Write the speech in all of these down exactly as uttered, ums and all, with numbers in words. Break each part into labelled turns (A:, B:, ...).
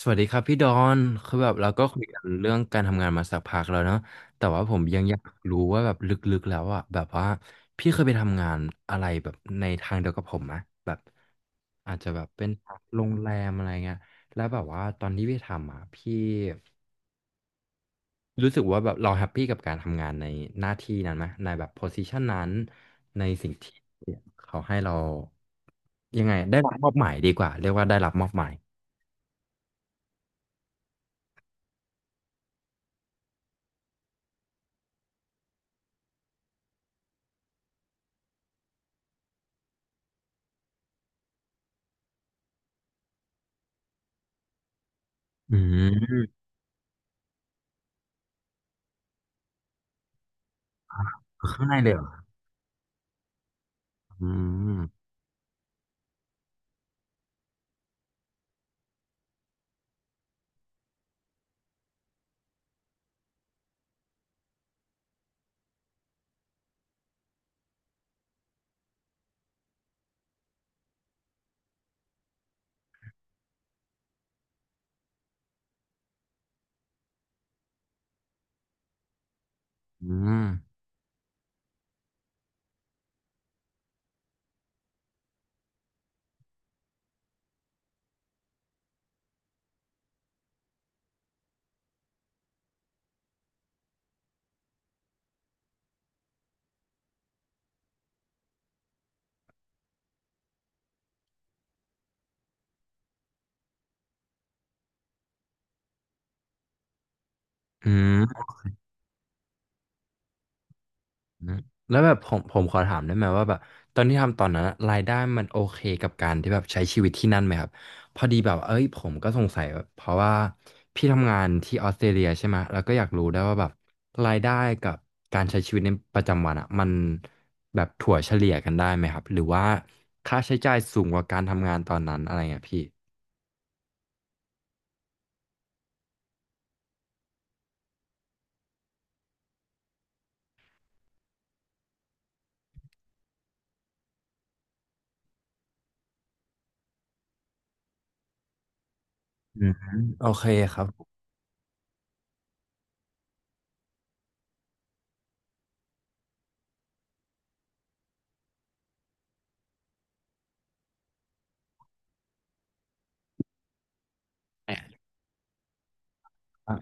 A: สวัสดีครับพี่ดอนคือแบบเราก็คุยกันเรื่องการทำงานมาสักพักแล้วเนาะแต่ว่าผมยังอยากรู้ว่าแบบลึกๆแล้วอะแบบว่าพี่เคยไปทำงานอะไรแบบในทางเดียวกับผมไหมแบบอาจจะแบบเป็นโรงแรมอะไรเงี้ยแล้วแบบว่าตอนที่พี่ทำอะพี่รู้สึกว่าแบบเราแฮปปี้กับการทำงานในหน้าที่นั้นไหมในแบบโพซิชันนั้นในสิ่งที่เขาให้เรายังไง ได้รับมอบหมายดีกว่าเรียกว่าได้รับมอบหมายอืมข้างในเลยเหรอ อืมอืมอืมอืมแล้วแบบผมผมขอถามได้ไหมว่าแบบตอนที่ทำตอนนั้นอะรายได้มันโอเคกับการที่แบบใช้ชีวิตที่นั่นไหมครับพอดีแบบเอ้ยผมก็สงสัยแบบเพราะว่าพี่ทำงานที่ออสเตรเลียใช่ไหมแล้วก็อยากรู้ได้วยว่าแบบรายได้กับการใช้ชีวิตในประจำวันอ่ะมันแบบถั่วเฉลี่ยกันได้ไหมครับหรือว่าค่าใช้จ่ายสูงกว่าการทำงานตอนนั้นอะไรเงี้ยพี่อืมโอเคครับ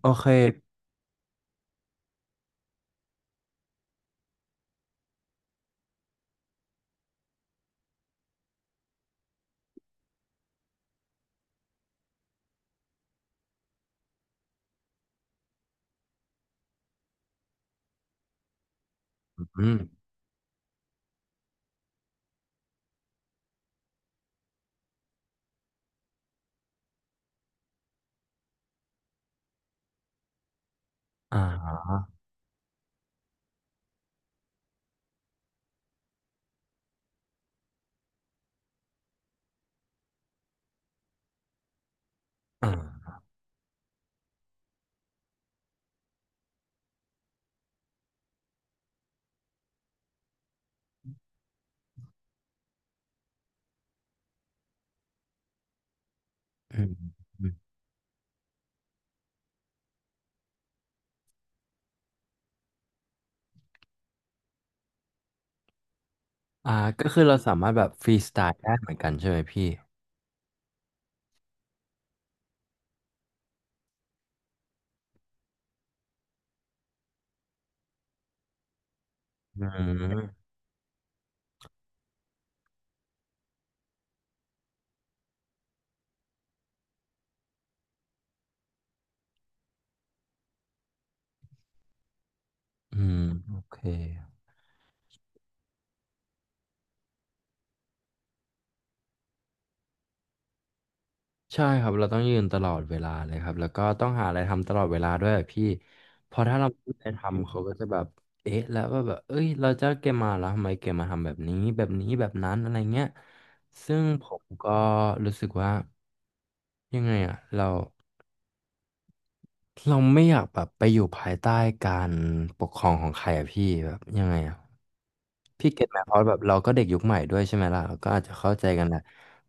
A: โอเคอืมอ่าอ่า อืมอืมอ่าก็คือเราสามารถแบบฟรีสไตล์ได้เหมือนกันใช่ไหมพี่อืมอืมโอเคใช่ครับเราต้องยืนตลอดเวลาเลยครับแล้วก็ต้องหาอะไรทำตลอดเวลาด้วยอะพี่เพอถ้าเราไม่มีอะไรทำเขาก็จะแบบเอ๊ะแล้วว่าแบบเอ้ยเราจะเกมมาแล้วทำไมเกมมาทำแบบนี้แบบนี้แบบนั้นอะไรเงี้ยซึ่งผมก็รู้สึกว่ายังไงอะเราเราไม่อยากแบบไปอยู่ภายใต้การปกครองของใครอะพี่แบบยังไงอะ พี่เก็ตไหมเพราะแบบเราก็เด็กยุคใหม่ด้วยใช่ไหมล่ะเราก็อาจจะเข้าใจกันแหละ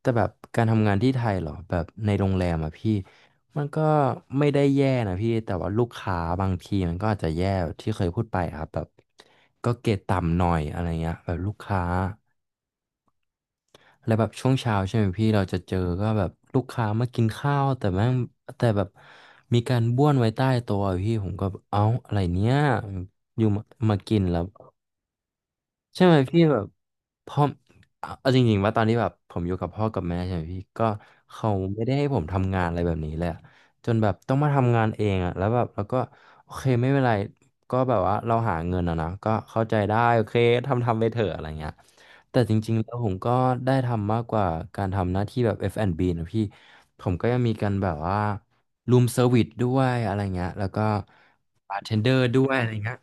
A: แต่แบบการทำงานที่ไทยเหรอแบบในโรงแรมอะพี่มันก็ไม่ได้แย่นะพี่แต่ว่าลูกค้าบางทีมันก็อาจจะแย่ที่เคยพูดไปครับแบบก็เกรดต่ำหน่อยอะไรเงี้ยแบบลูกค้าแล้วแบบช่วงเช้าใช่ไหมพี่เราจะเจอก็แบบลูกค้ามากินข้าวแต่แม่งแต่แบบมีการบ้วนไว้ใต้โต๊ะอะพี่ผมก็เอ้าอะไรเนี้ยอยู่มามากินแล้ว ใช่ไหมพี่แบบพ่อเอาเอาจริงๆว่าตอนที่แบบผมอยู่กับพ่อกับแม่ใช่ไหมพี่ก็เขาไม่ได้ให้ผมทำงานอะไรแบบนี้เลยอะจนแบบต้องมาทำงานเองอะแล้วแบบแล้วก็โอเคไม่เป็นไรก็แบบว่าเราหาเงินอะนะก็เข้าใจได้โอเคทำทำไปเถอะอะไรเงี้ยแต่จริงๆแล้วผมก็ได้ทำมากกว่าการทำหน้าที่แบบ เอฟ แอนด์ บี นด์บีนะพี่ผมก็ยังมีการแบบว่ารูมเซอร์วิสด้วยอะไรเงี้ยแล้วก็บาร์เทนเดอร์ด้วยอะไรเงี้ย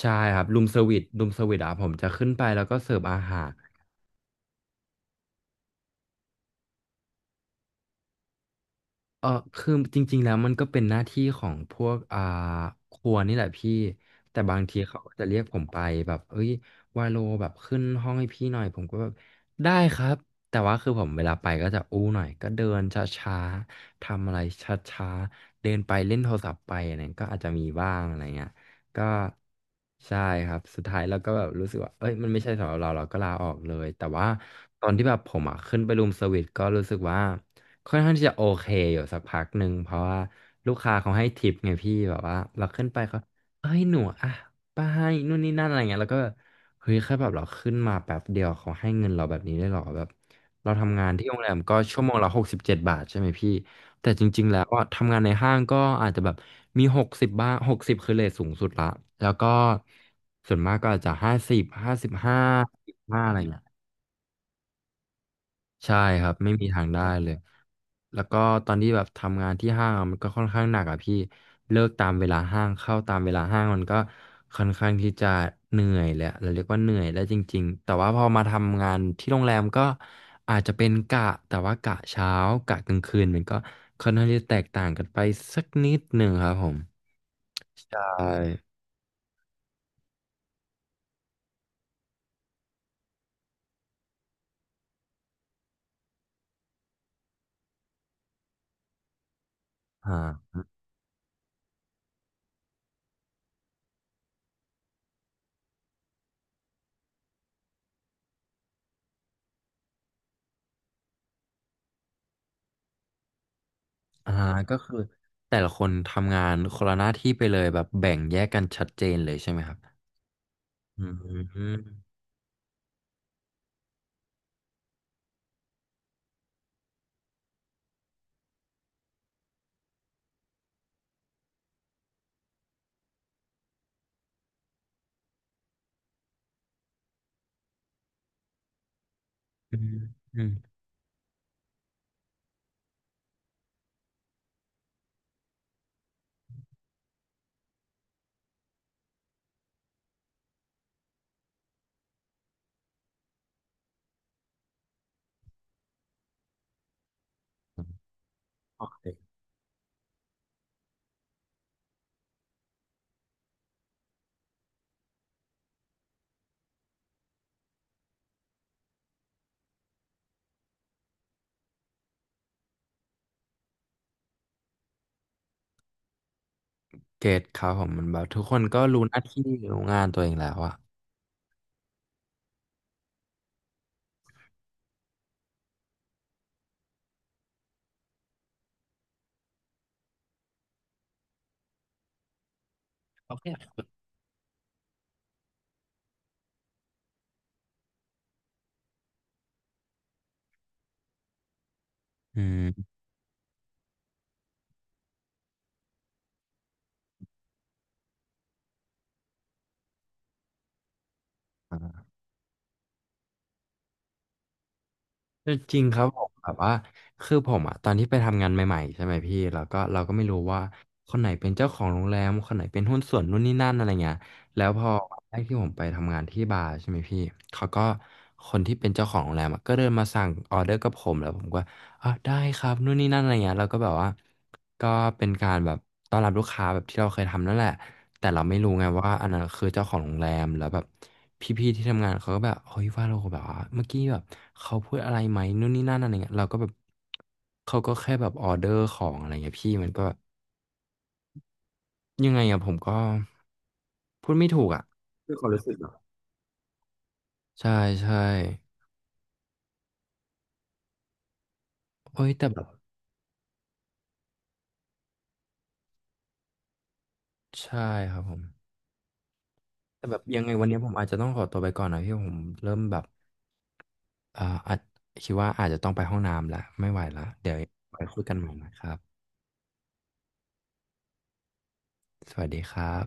A: ใช่ครับรูมเซอร์วิสรูมเซอร์วิสอ่ะผมจะขึ้นไปแล้วก็เสิร์ฟอาหาร เออคือจริงๆแล้วมันก็เป็นหน้าที่ของพวกอ่าครัวนี่แหละพี่แต่บางทีเขาก็จะเรียกผมไปแบบเอ้ยวาโลแบบขึ้นห้องให้พี่หน่อยผมก็แบบได้ครับแต่ว่าคือผมเวลาไปก็จะอู้หน่อยก็เดินช้าๆทำอะไรช้าๆเดินไปเล่นโทรศัพท์ไปอะไรก็อาจจะมีบ้างอะไรเงี้ยก็ใช่ครับสุดท้ายเราก็แบบรู้สึกว่าเอ้ยมันไม่ใช่สำหรับเราเราก็ลาออกเลยแต่ว่าตอนที่แบบผมอ่ะขึ้นไปรูมเซอร์วิสก็รู้สึกว่า ค่อนข้างที่จะโอเคอยู่สักพักหนึ่งเพราะว่าลูกค้าเขาให้ทิปไงพี่แบบว่าเราขึ้นไปเขาเอ้ยหนูอ่ะป้าให้นู่นนี่นั่นอะไรเงี้ยแล้วก็แบบเฮ้ยแค่แบบเราขึ้นมาแป๊บเดียวเขาให้เงินเราแบบนี้ได้หรอแบบเราทำงานที่โรงแรมก็ชั่วโมงละหกสิบเจ็ดบาทใช่ไหมพี่แต่จริงๆแล้วอ่ะทำงานในห้างก็อาจจะแบบมีหกสิบบ้างหกสิบคือเรทสูงสุดละแล้วก็ส่วนมากก็อาจจะห้าสิบห้าสิบห้าห้าอะไรเงี้ย ใช่ครับไม่มีทางได้เลยแล้วก็ตอนที่แบบทำงานที่ห้างอะมันก็ค่อนข้างหนักอ่ะพี่เลิกตามเวลาห้างเข้าตามเวลาห้างมันก็ค่อนข้างที่จะเหนื่อยแหละเราเรียกว่าเหนื่อยได้จริงๆแต่ว่าพอมาทำงานที่โรงแรมก็อาจจะเป็นกะแต่ว่ากะเช้ากะกลางคืนมันก็ค่อนข้างที่จะแตกต่างกันไปสักนิดหนึ่งครับผมใช่อ่าอ่าก็คือแต่ละคนทำงานคนละหน้าที่ไปเลยแบบแบ่งแยกกันชัดเจนเลยใช่ไหมครับอืม อืมอืมเกตครับผมมันแบบทุกคนก็รู้หน้าที่รู้งานตัวเองแล้วอะโอเคอืมอ่าแต่จริงครับผมแบบว่าคือผมอ่ะตอนที่ไปทำงานใหม่ๆใช่ไหมพี่แล้วก็เราก็ไม่รู้ว่าคนไหนเป็นเจ้าของโรงแรมคนไหนเป็นหุ้นส่วนนู่นนี่นั่นอะไรเงี้ยแล้วพอวันแรกที่ผมไปทำงานที่บาร์ใช่ไหมพี่เขาก็คนที่เป็นเจ้าของโรงแรมอะก็เดินมาสั่งออเดอร์กับผมแล้วผมก็ อ่ะได้ครับนู่นนี่นั่นอะไรเงี้ยเราก็แบบว่าก็เป็นการแบบต้อนรับลูกค้าแบบที่เราเคยทำนั่นแหละแต่เราไม่รู้ไงว่าอันนั้นคือเจ้าของโรงแรมแล้วแบบพี่ๆที่ทำงานเขาก็แบบเฮ้ยว่าเราแบบว่าเมื่อกี้แบบเขาพูดอะไรไหมนู่นนี่นั่นอะไรเงี้ยเราก็แบบเขาก็แค่แบบออเดอร์ของอะไรเงี้ยพี่มันก็ยังไงอะผมก็พูดไม่ถูกอะคือความรู้สึกเหรอใช่ใช่โอ้ยแต่แบบใช่ครับผมแต่แบบยังไงวันนี้ผมอาจจะต้องขอตัวไปก่อนนะพี่ผมเริ่มแบบ เอ่ออาจคิดว่าอาจจะต้องไปห้องน้ำละไม่ไหวละเดี๋ยวไปคุยกันใหม่นะครับสวัสดีครับ